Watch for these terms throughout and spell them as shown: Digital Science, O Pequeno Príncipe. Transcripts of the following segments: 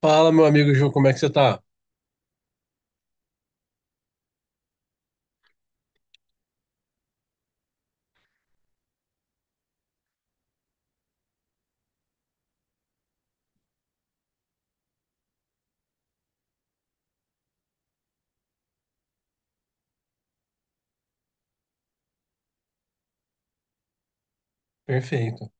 Fala, meu amigo Ju, como é que você tá? Perfeito.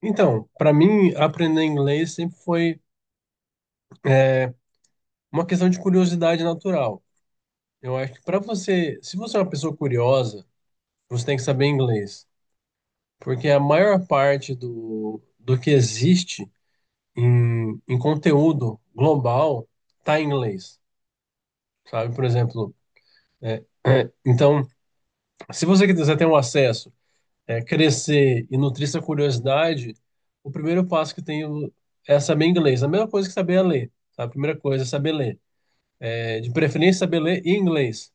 Então, para mim, aprender inglês sempre foi uma questão de curiosidade natural. Eu acho que para você, se você é uma pessoa curiosa, você tem que saber inglês. Porque a maior parte do que existe em conteúdo global está em inglês, sabe? Por exemplo, então, se você quiser ter um acesso, crescer e nutrir essa curiosidade, o primeiro passo que tem é saber inglês. A mesma coisa que saber ler, tá? A primeira coisa é saber ler. É, de preferência, saber ler em inglês.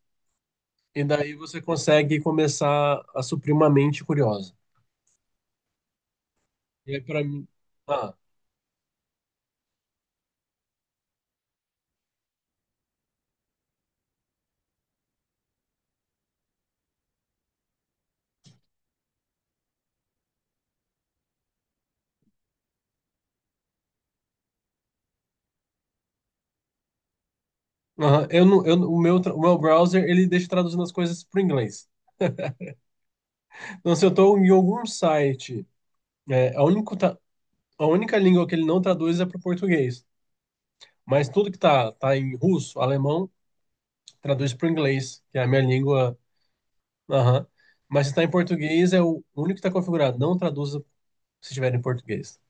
E daí você consegue começar a suprir uma mente curiosa. E aí, para mim. ah, Aham. Eu não, eu, o meu browser, ele deixa traduzindo as coisas para inglês. Então, se eu estou em algum site, a única língua que ele não traduz é para o português. Mas tudo que tá em russo, alemão, traduz para o inglês, que é a minha língua. Aham. Mas se está em português, é o único que está configurado. Não traduza se estiver em português.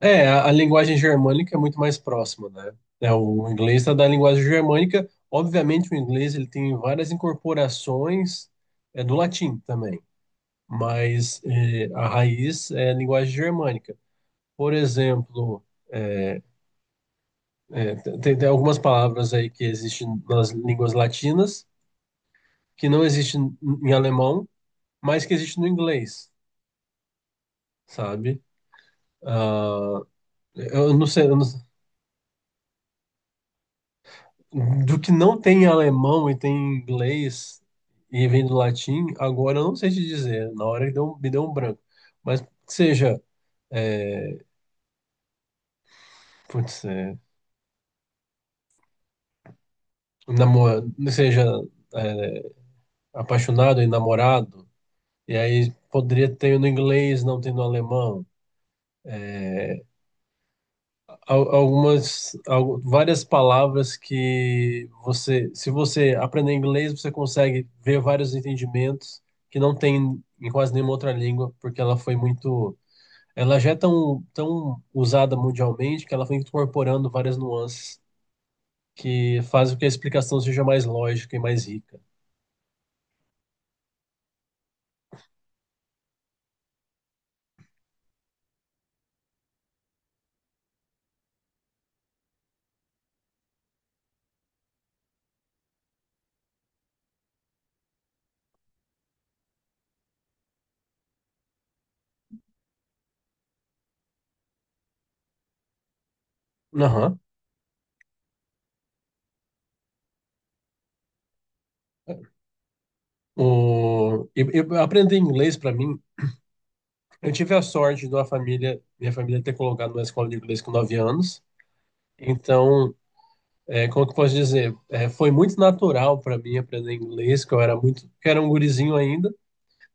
É, a linguagem germânica é muito mais próxima, né? É, o inglês está da linguagem germânica. Obviamente, o inglês ele tem várias incorporações do latim também. Mas a raiz é a linguagem germânica. Por exemplo, eh, eh, tem algumas palavras aí que existem nas línguas latinas, que não existem em alemão, mas que existem no inglês, sabe? Ah, eu não sei, eu não- do que não tem em alemão e tem em inglês e vem do latim, agora eu não sei te dizer, na hora que deu, me deu um branco. Mas que seja, eh, putz, namor, seja é, apaixonado e namorado, e aí poderia ter no inglês, não tem no alemão. Várias palavras que você, se você aprender inglês, você consegue ver vários entendimentos que não tem em quase nenhuma outra língua, porque ela foi muito, ela já é tão, tão usada mundialmente que ela foi incorporando várias nuances que fazem com que a explicação seja mais lógica e mais rica. Aham. E, aprender inglês para mim. Eu tive a sorte de uma família, minha família ter colocado na escola de inglês com 9 anos. Então, como que eu posso dizer? É, foi muito natural para mim aprender inglês, que eu era muito, que eu era um gurizinho ainda.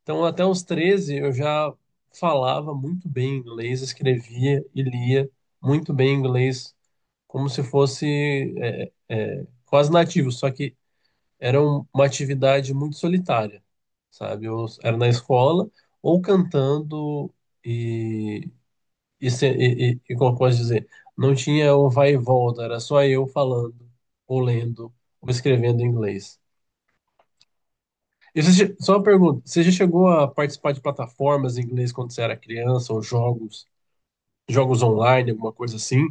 Então, até os 13 eu já falava muito bem inglês, escrevia e lia muito bem inglês, como se fosse quase nativo, só que era uma atividade muito solitária, sabe? Eu era na escola ou cantando e e como eu posso dizer, não tinha um vai e volta, era só eu falando, ou lendo, ou escrevendo em inglês. E você, só uma pergunta, você já chegou a participar de plataformas em inglês quando você era criança, ou jogos online, alguma coisa assim?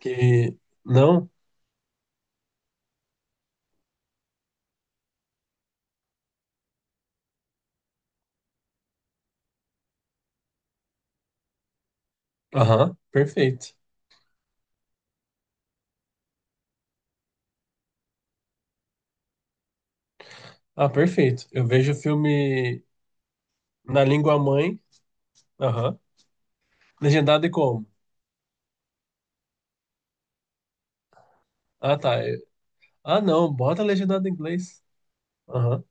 Que não? Aham, perfeito. Ah, perfeito. Eu vejo filme na língua mãe, aham. Legendado e como? Ah, tá. Ah, não, bota legendado em inglês. Aham.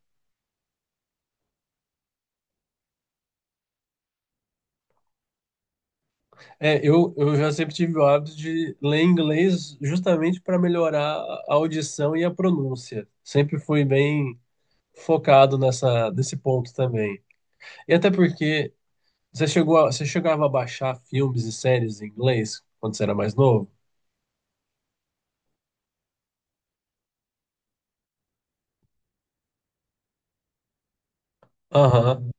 É, eu já sempre tive o hábito de ler inglês justamente para melhorar a audição e a pronúncia. Sempre fui bem focado nessa, nesse ponto também. E até porque você você chegava a baixar filmes e séries em inglês quando você era mais novo? Aham.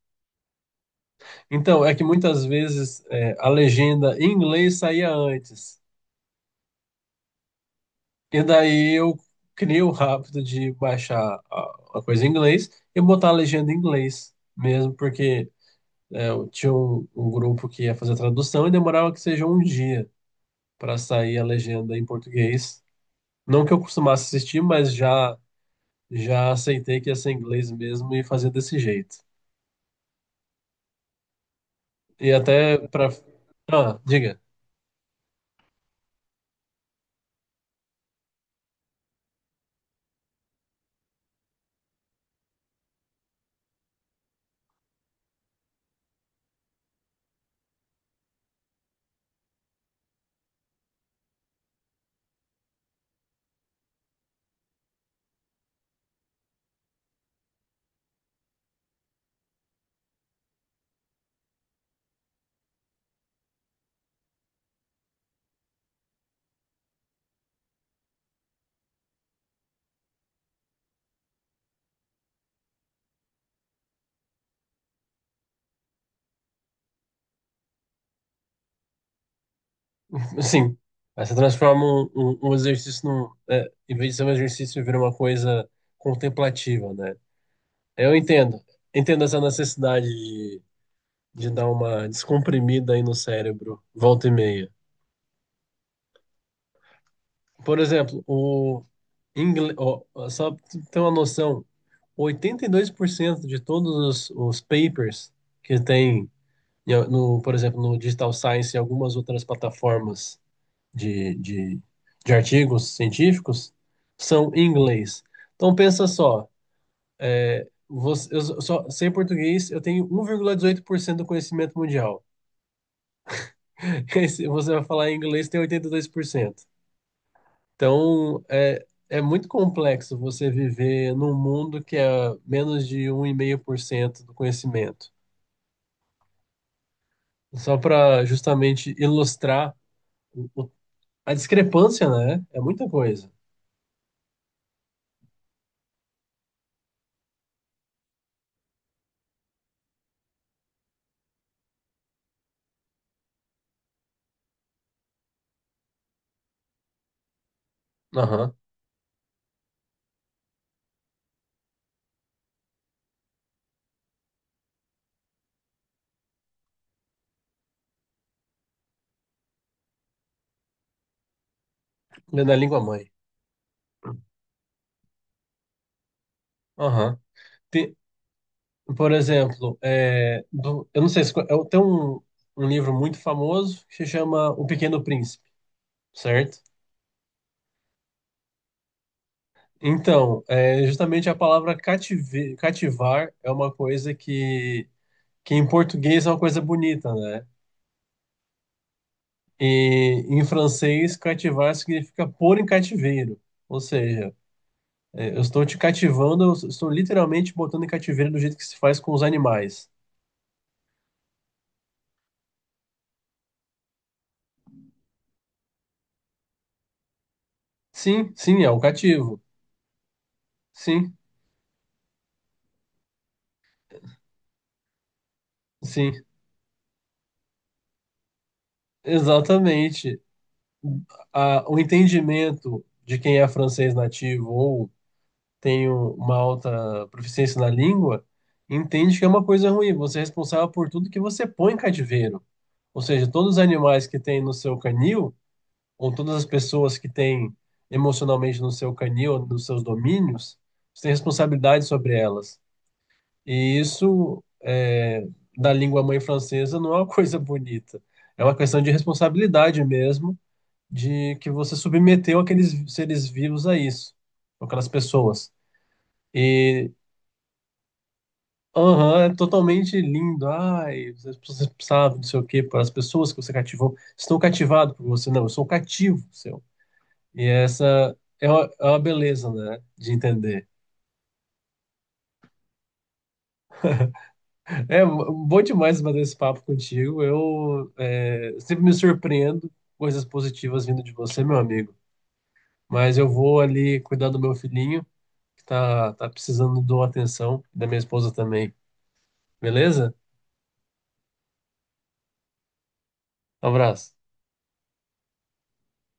Então, é que muitas vezes a legenda em inglês saía antes. E daí eu criei o hábito de baixar a coisa em inglês e botar a legenda em inglês mesmo, porque é, eu tinha um grupo que ia fazer a tradução e demorava que seja um dia para sair a legenda em português. Não que eu costumasse assistir, mas já aceitei que ia ser em inglês mesmo e fazer desse jeito. E até para. Ah, diga. Assim, aí você transforma um exercício em vez de ser um exercício, vira uma coisa contemplativa, né? Eu entendo. Entendo essa necessidade de dar uma descomprimida aí no cérebro, volta e meia. Por exemplo, ó, ó, só pra tu ter uma noção, 82% de todos os papers que tem, em no, por exemplo, no Digital Science e algumas outras plataformas de, de, de artigos científicos, são em inglês. Então, pensa só, você, eu só sei português, eu tenho 1,18% do conhecimento mundial. Aí, se você vai falar em inglês, tem 82%. Então, é muito complexo você viver num mundo que é menos de 1,5% do conhecimento. Só para justamente ilustrar o- o- a discrepância, né? É muita coisa. Aham. É na língua mãe. Aham. Tem- por exemplo, é, do- eu não sei se... tem um livro muito famoso que se chama O Pequeno Príncipe, certo? Então, é, justamente a palavra cativar é uma coisa que em português é uma coisa bonita, né? E em francês, cativar significa pôr em cativeiro. Ou seja, eu estou te cativando, eu estou literalmente botando em cativeiro do jeito que se faz com os animais. Sim, sim, é o cativo. Sim, sim, exatamente. O entendimento de quem é francês nativo ou tem uma alta proficiência na língua, entende que é uma coisa ruim. Você é responsável por tudo que você põe em cativeiro. Ou seja, todos os animais que tem no seu canil, ou todas as pessoas que têm emocionalmente no seu canil, ou nos seus domínios, você tem responsabilidade sobre elas. E isso, da língua mãe francesa, não é uma coisa bonita. É uma questão de responsabilidade mesmo, de que você submeteu aqueles seres vivos a isso, aquelas pessoas. E aham, é totalmente lindo. Ai, as pessoas precisavam, não sei o quê, para as pessoas que você cativou. Estão cativadas por você. Não, eu sou um cativo seu. E essa é uma beleza, né? De entender. É bom demais bater esse papo contigo. Eu sempre me surpreendo com coisas positivas vindo de você, meu amigo. Mas eu vou ali cuidar do meu filhinho, que tá precisando de uma atenção, e da minha esposa também. Beleza? Um abraço.